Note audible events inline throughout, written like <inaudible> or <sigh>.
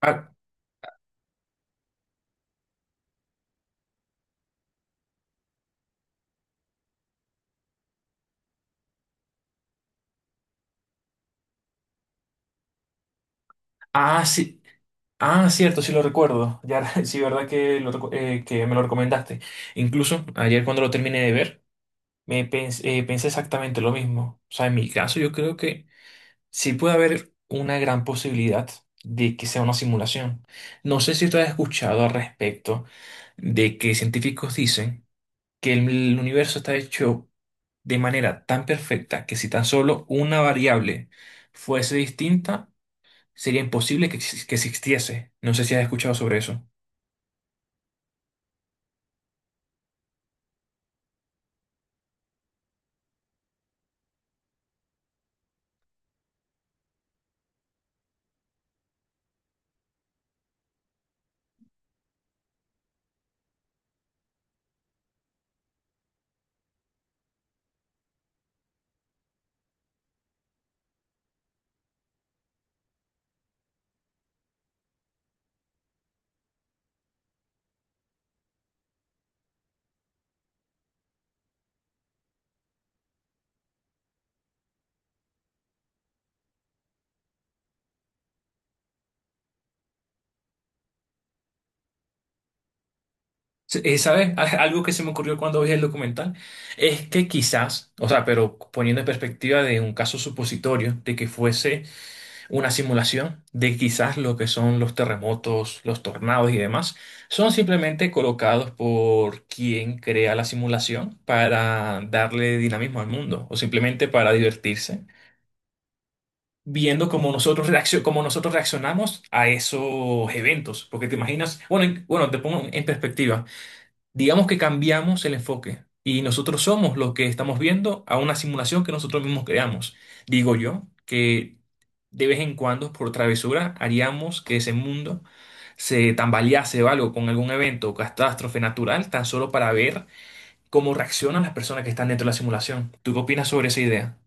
Ah, sí. Ah, cierto, sí lo recuerdo. Ya, <laughs> sí, verdad que, que me lo recomendaste. Incluso ayer cuando lo terminé de ver, pensé exactamente lo mismo. O sea, en mi caso yo creo que sí puede haber una gran posibilidad de que sea una simulación. No sé si tú has escuchado al respecto de que científicos dicen que el universo está hecho de manera tan perfecta que si tan solo una variable fuese distinta, sería imposible que, que existiese. No sé si has escuchado sobre eso. ¿Sabes? <laughs> Algo que se me ocurrió cuando vi el documental es que quizás, o sea, pero poniendo en perspectiva de un caso supositorio, de que fuese una simulación, de quizás lo que son los terremotos, los tornados y demás, son simplemente colocados por quien crea la simulación para darle dinamismo al mundo o simplemente para divertirse viendo cómo nosotros reaccionamos a esos eventos. Porque te imaginas, bueno, bueno, te pongo en perspectiva. Digamos que cambiamos el enfoque y nosotros somos los que estamos viendo a una simulación que nosotros mismos creamos. Digo yo que de vez en cuando, por travesura, haríamos que ese mundo se tambalease o algo con algún evento o catástrofe natural, tan solo para ver cómo reaccionan las personas que están dentro de la simulación. ¿Tú qué opinas sobre esa idea?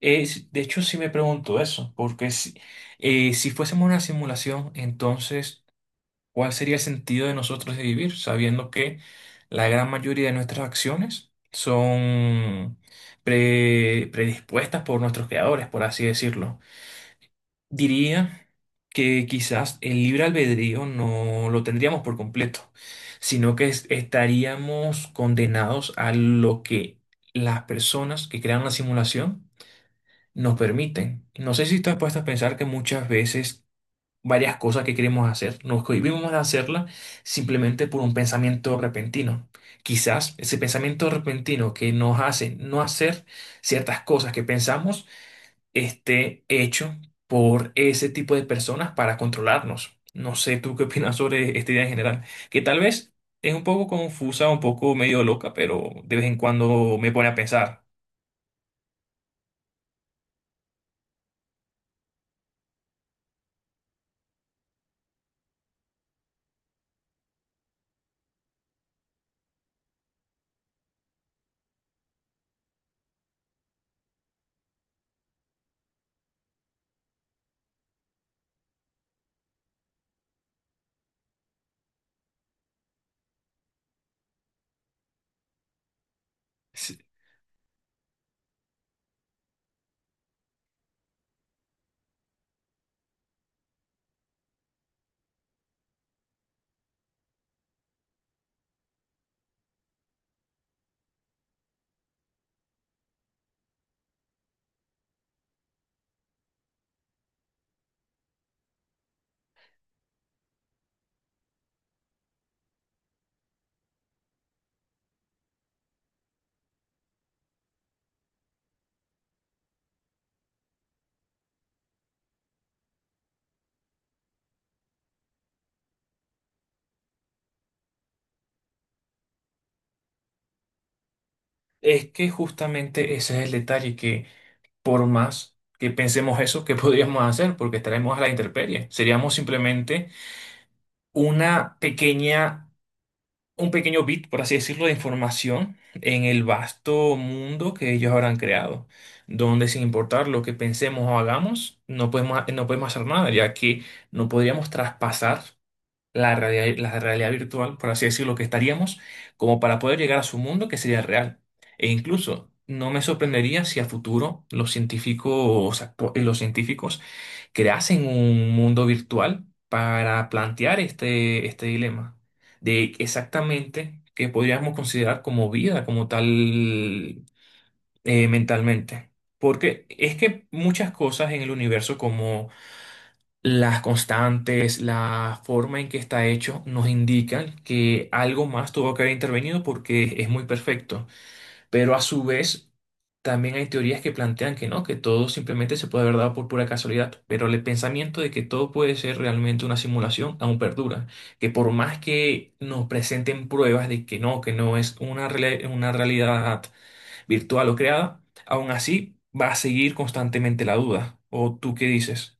De hecho, sí me pregunto eso, porque si, si fuésemos una simulación, entonces, ¿cuál sería el sentido de nosotros de vivir, sabiendo que la gran mayoría de nuestras acciones son predispuestas por nuestros creadores, por así decirlo? Diría que quizás el libre albedrío no lo tendríamos por completo, sino que estaríamos condenados a lo que las personas que crean la simulación nos permiten. No sé si estás has a pensar que muchas veces varias cosas que queremos hacer, nos cohibimos de hacerlas simplemente por un pensamiento repentino. Quizás ese pensamiento repentino que nos hace no hacer ciertas cosas que pensamos esté hecho por ese tipo de personas para controlarnos. No sé tú qué opinas sobre esta idea en general, que tal vez es un poco confusa, un poco medio loca, pero de vez en cuando me pone a pensar. Es que justamente ese es el detalle, que por más que pensemos eso, ¿qué <laughs> podríamos hacer? Porque estaremos a la intemperie. Seríamos simplemente una pequeña, un pequeño bit, por así decirlo, de información en el vasto mundo que ellos habrán creado, donde sin importar lo que pensemos o hagamos, no podemos hacer nada, ya que no podríamos traspasar la realidad virtual, por así decirlo, que estaríamos, como para poder llegar a su mundo que sería real. E incluso no me sorprendería si a futuro los científicos, los científicos creasen un mundo virtual para plantear este dilema de exactamente qué podríamos considerar como vida, como tal, mentalmente. Porque es que muchas cosas en el universo, las constantes, la forma en que está hecho, nos indican que algo más tuvo que haber intervenido porque es muy perfecto. Pero a su vez, también hay teorías que plantean que no, que todo simplemente se puede haber dado por pura casualidad. Pero el pensamiento de que todo puede ser realmente una simulación aún perdura. Que por más que nos presenten pruebas de que no es una, una realidad virtual o creada, aún así va a seguir constantemente la duda. ¿O tú qué dices?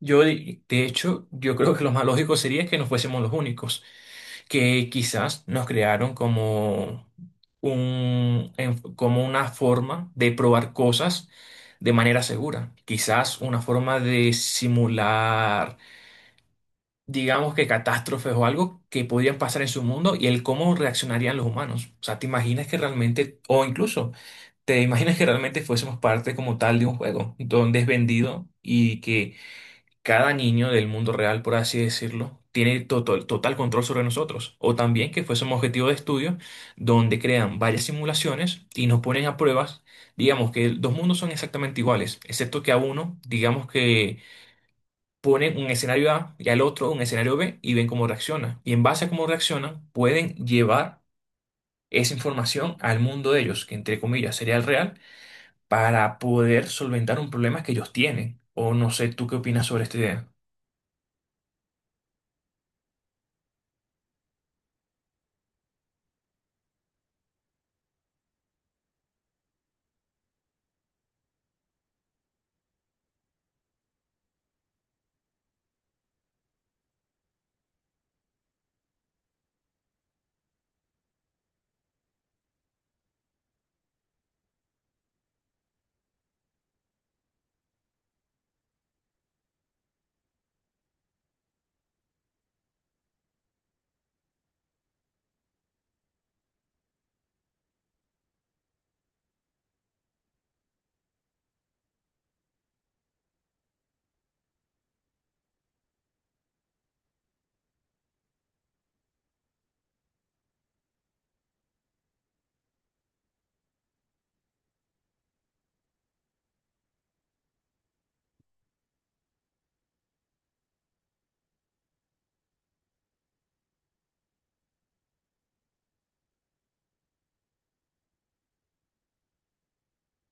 Yo, de hecho, yo creo que lo más lógico sería que no fuésemos los únicos, que quizás nos crearon como como una forma de probar cosas de manera segura. Quizás una forma de simular, digamos que catástrofes o algo que podrían pasar en su mundo y el cómo reaccionarían los humanos. O sea, te imaginas que realmente, o incluso, te imaginas que realmente fuésemos parte como tal de un juego donde es vendido y que cada niño del mundo real, por así decirlo, tiene total, total control sobre nosotros. O también que fuese un objetivo de estudio donde crean varias simulaciones y nos ponen a pruebas. Digamos que dos mundos son exactamente iguales, excepto que a uno, digamos que ponen un escenario A y al otro un escenario B y ven cómo reacciona. Y en base a cómo reaccionan, pueden llevar esa información al mundo de ellos, que entre comillas sería el real, para poder solventar un problema que ellos tienen. O no sé, ¿tú qué opinas sobre esta idea?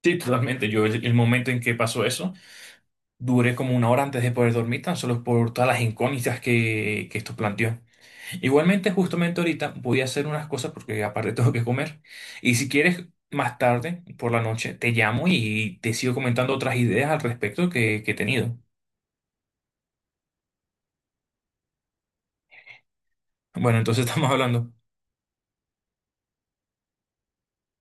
Sí, totalmente. Yo el momento en que pasó eso, duré como una hora antes de poder dormir, tan solo por todas las incógnitas que esto planteó. Igualmente, justamente ahorita voy a hacer unas cosas porque aparte tengo que comer. Y si quieres, más tarde, por la noche, te llamo y te sigo comentando otras ideas al respecto que he tenido. Bueno, entonces <laughs> estamos hablando.